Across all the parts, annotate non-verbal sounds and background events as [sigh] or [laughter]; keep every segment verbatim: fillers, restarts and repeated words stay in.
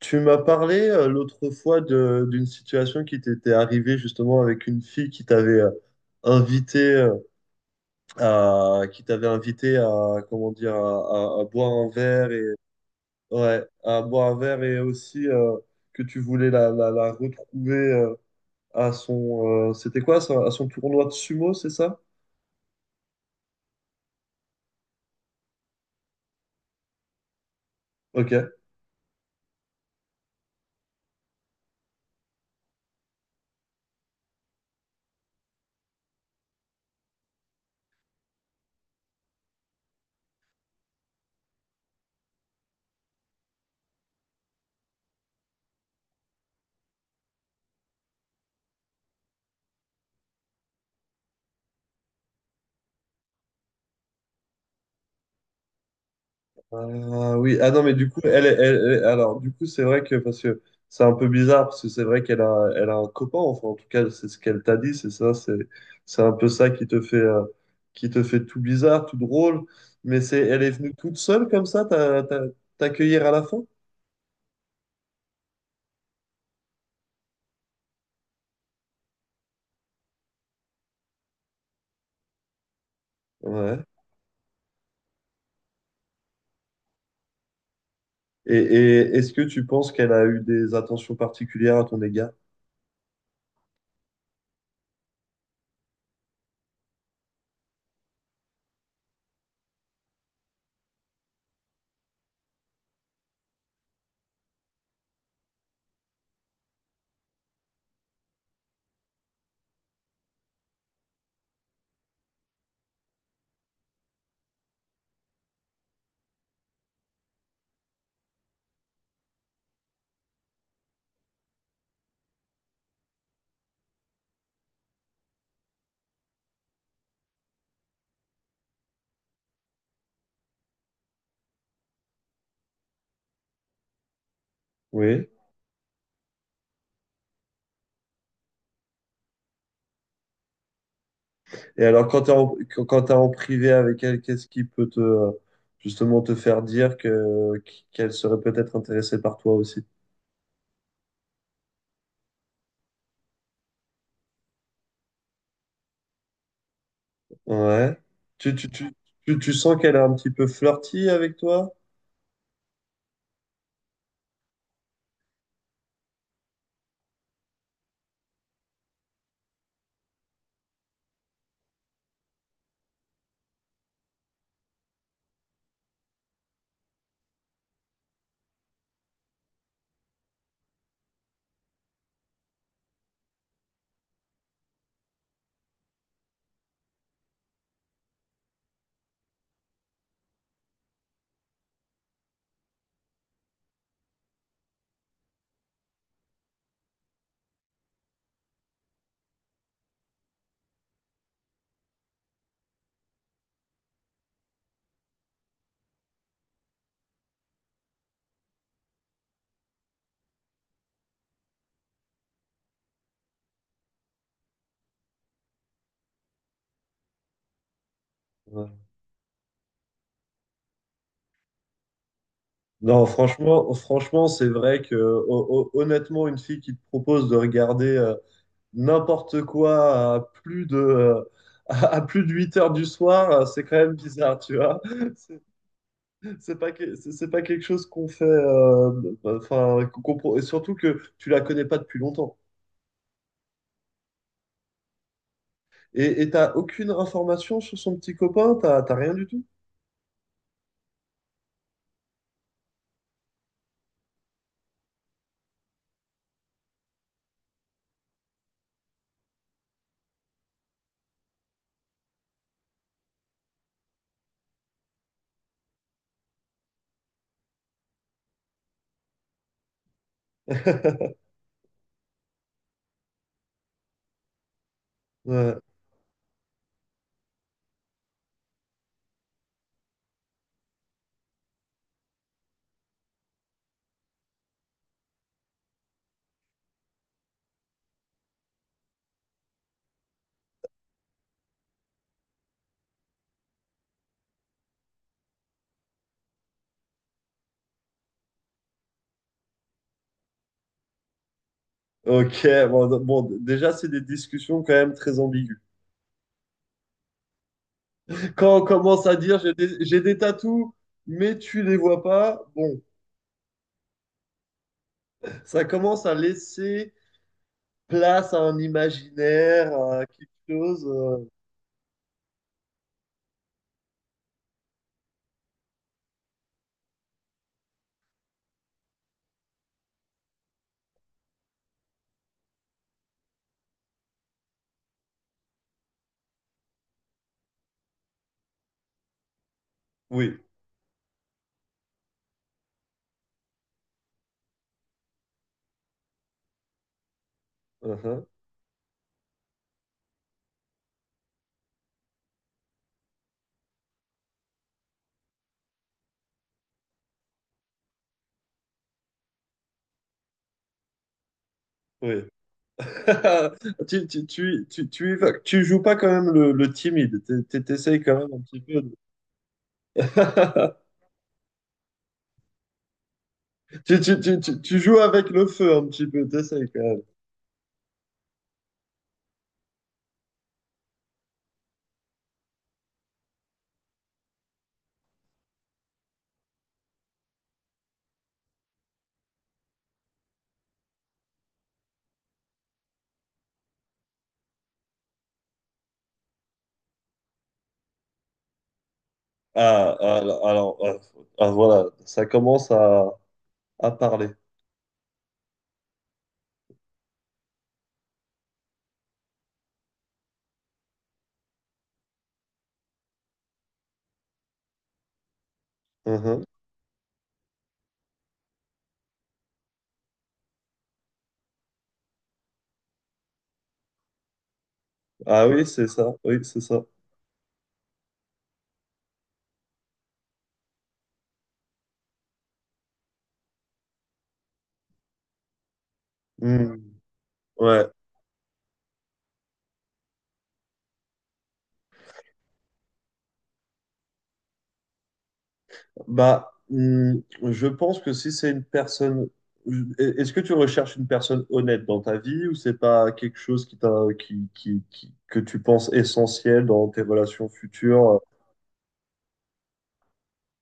Tu m'as parlé euh, l'autre fois de- d'une situation qui t'était arrivée justement avec une fille qui t'avait euh, invité euh, à qui t'avait invité à comment dire à, à- à boire un verre et, ouais, à boire un verre et aussi euh, que tu voulais la, la, la retrouver euh, à son euh, c'était quoi ça, à son tournoi de sumo, c'est ça? Ok. Ah oui, ah non, mais du coup, elle, est- elle, elle- alors, du coup, c'est vrai que, parce que c'est un peu bizarre, parce que c'est vrai qu'elle a, elle a un copain, enfin, en tout cas, c'est ce qu'elle t'a dit, c'est ça, c'est, c'est un peu ça qui te fait, euh, qui te fait tout bizarre, tout drôle, mais c'est, elle est venue toute seule comme ça, t'a- t'a- t'accueillir à la fin? Ouais. Et, et est-ce que tu penses qu'elle a eu des attentions particulières à ton égard? Oui. Et alors, quand tu es en, quand quand t'es en privé avec elle, qu'est-ce qui peut te, euh, justement te faire dire que, qu'elle serait peut-être intéressée par toi aussi? Ouais. Tu, tu, tu, tu, tu sens qu'elle est un petit peu flirty avec toi? Ouais. Non, franchement, franchement, c'est vrai que ho- ho- honnêtement, une fille qui te propose de regarder euh, n'importe quoi à plus de, euh, [laughs] à, plus de huit heures du soir, euh, c'est quand même bizarre, tu vois. [laughs] C'est pas que- c'est c'est pas quelque chose qu'on fait, euh, enfin, qu'on compre- et surtout que tu la connais pas depuis longtemps. Et et t'as aucune information sur son petit copain, t'as t'as rien du tout. [laughs] Ouais. Ok, bon, d- bon, déjà, c'est des discussions quand même très ambiguës. Quand on commence à dire j'ai des, j'ai des tatous, mais tu les vois pas, bon, ça commence à laisser place à un imaginaire, à quelque chose. euh, Oui, uh-huh, oui. [laughs] Tu, tu, tu, tu, tu y vas. Tu joues pas quand même le, le timide, T'es- t'es- t'essayes quand même un petit peu. de- [laughs] Tu, tu, tu, tu, tu joues avec le feu un petit peu, t'essayes quand même. Ah, ah, alors, ah, ah, voilà, ça commence à, à parler. Mhm. Ah oui, c'est ça, oui, c'est ça. Hmm. Ouais, bah, hum, je pense que si c'est une personne, est-ce que tu recherches une personne honnête dans ta vie ou c'est pas quelque chose qui t'a, qui, qui, qui- que tu penses essentiel dans tes relations futures?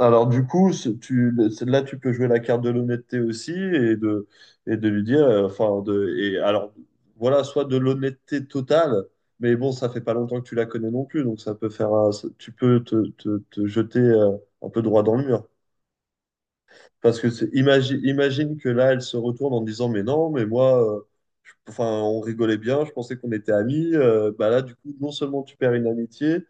Alors du coup, ce- tu, là, tu peux jouer la carte de l'honnêteté aussi et de, et de lui dire, euh, enfin, de, et alors, voilà, soit de l'honnêteté totale, mais bon, ça fait pas longtemps que tu la connais non plus, donc ça peut faire, un- tu peux te, te, te jeter euh, un peu droit dans le mur. Parce que c'est- imagine, imagine que là, elle se retourne en disant, mais non, mais moi, euh, je- enfin, on rigolait bien, je pensais qu'on était amis. Euh, bah là, du coup, non seulement tu perds une amitié,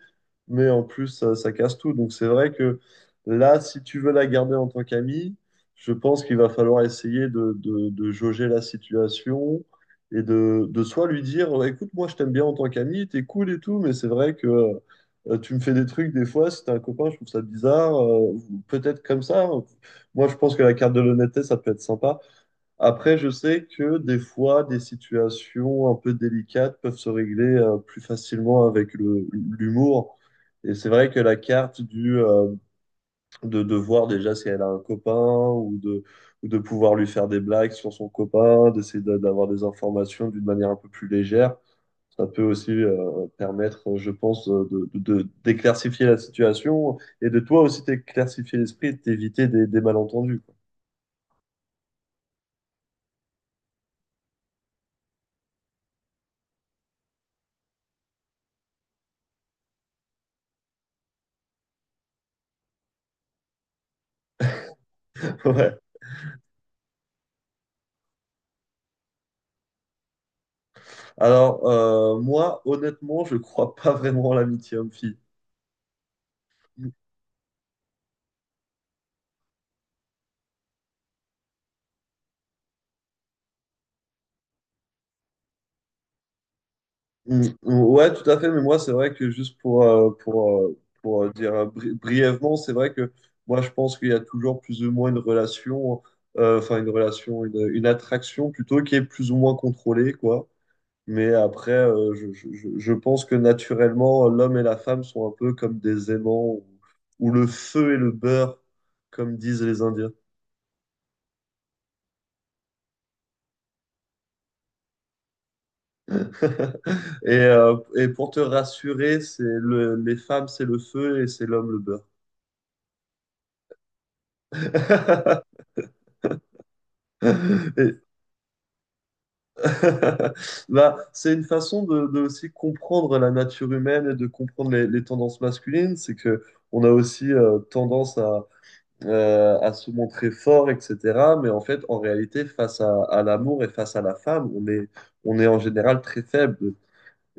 mais en plus, ça, ça casse tout. Donc c'est vrai que là, si tu veux la garder en tant qu'amie, je pense qu'il va falloir essayer de, de- de jauger la situation et de, de soit lui dire, bah, écoute, moi, je t'aime bien en tant qu'amie, t'es cool et tout, mais c'est vrai que euh, tu me fais des trucs des fois, si t'es un copain, je trouve ça bizarre. Euh, peut-être comme ça, moi, je pense que la carte de l'honnêteté, ça peut être sympa. Après, je sais que des fois, des situations un peu délicates peuvent se régler euh, plus facilement avec le- l'humour. Et c'est vrai que la carte du, euh, de, de voir déjà si elle a un copain ou de, ou de pouvoir lui faire des blagues sur son copain, d'essayer d'a- d'avoir des informations d'une manière un peu plus légère, ça peut aussi euh, permettre, je pense, de, de, de- d'éclaircifier la situation et de toi aussi t'éclaircifier l'esprit et de t'éviter des, des malentendus, quoi. [laughs] Ouais. Alors, euh, moi, honnêtement, je crois pas vraiment à l'amitié homme-fille. Mm, mm, ouais, tout à fait, mais moi, c'est vrai que juste pour, euh, pour, euh, pour euh, dire euh, bri- brièvement, c'est vrai que moi, je, pense qu'il y a toujours plus ou moins une relation, euh, enfin, une relation, une, une attraction plutôt qui est plus ou moins contrôlée, quoi. Mais après, euh, je, je- je- je pense que naturellement, l'homme et la femme sont un peu comme des aimants ou, ou le feu et le beurre, comme disent les Indiens. [laughs] Et, euh, et pour te rassurer, c'est le, les femmes, c'est le feu et c'est l'homme, le beurre. [laughs] Et- [laughs] Bah, c'est une façon de, de aussi comprendre la nature humaine et de comprendre les, les tendances masculines. C'est que on a aussi euh, tendance à, euh, à se montrer fort, et cetera. Mais en fait, en réalité, face à, à l'amour et face à la femme, on est, on est en général très faible.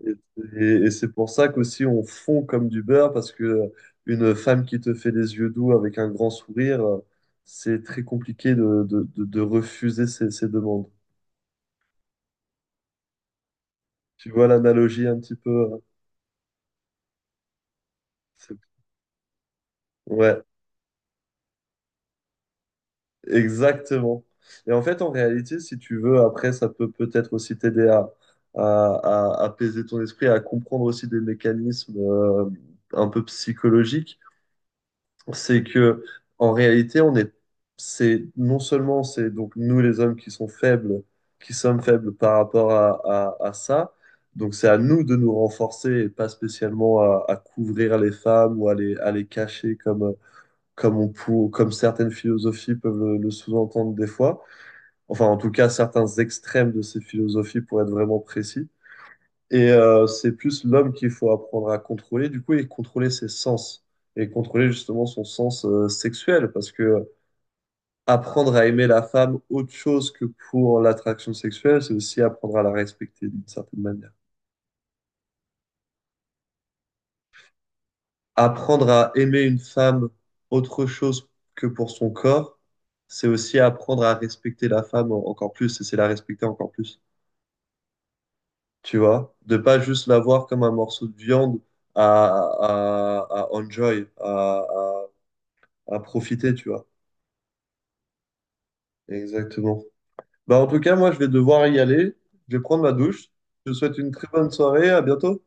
Et, et- et c'est pour ça qu'aussi on fond comme du beurre, parce que une femme qui te fait les yeux doux avec un grand sourire, euh, c'est très compliqué de, de- de- de refuser ses, ses demandes. Tu vois l'analogie un petit peu? Hein? C'est- Ouais, exactement. Et en fait, en réalité, si tu veux, après, ça peut peut-être aussi t'aider à, à- à apaiser ton esprit, à comprendre aussi des mécanismes euh, un peu psychologiques. C'est que en réalité, on est, c'est non seulement c'est donc nous les hommes qui sont faibles, qui sommes faibles par rapport à, à, à ça, donc c'est à nous de nous renforcer et pas spécialement à, à couvrir les femmes ou à les, à les cacher comme, comme on pour, comme certaines philosophies peuvent le, le sous-entendre des fois. Enfin, en tout cas, certains extrêmes de ces philosophies pour être vraiment précis. Et euh, c'est plus l'homme qu'il faut apprendre à contrôler, du coup, et contrôler ses sens. Et contrôler justement son sens euh, sexuel. Parce que apprendre à aimer la femme autre chose que pour l'attraction sexuelle, c'est aussi apprendre à la respecter d'une certaine manière. Apprendre à aimer une femme autre chose que pour son corps, c'est aussi apprendre à respecter la femme en- encore plus. Et c'est la respecter encore plus. Tu vois? De pas juste la voir comme un morceau de viande à, à, à enjoy, à, à à profiter, tu vois. Exactement. Bah, en tout cas, moi, je vais devoir y aller. Je vais prendre ma douche. Je te souhaite une très bonne soirée. À bientôt.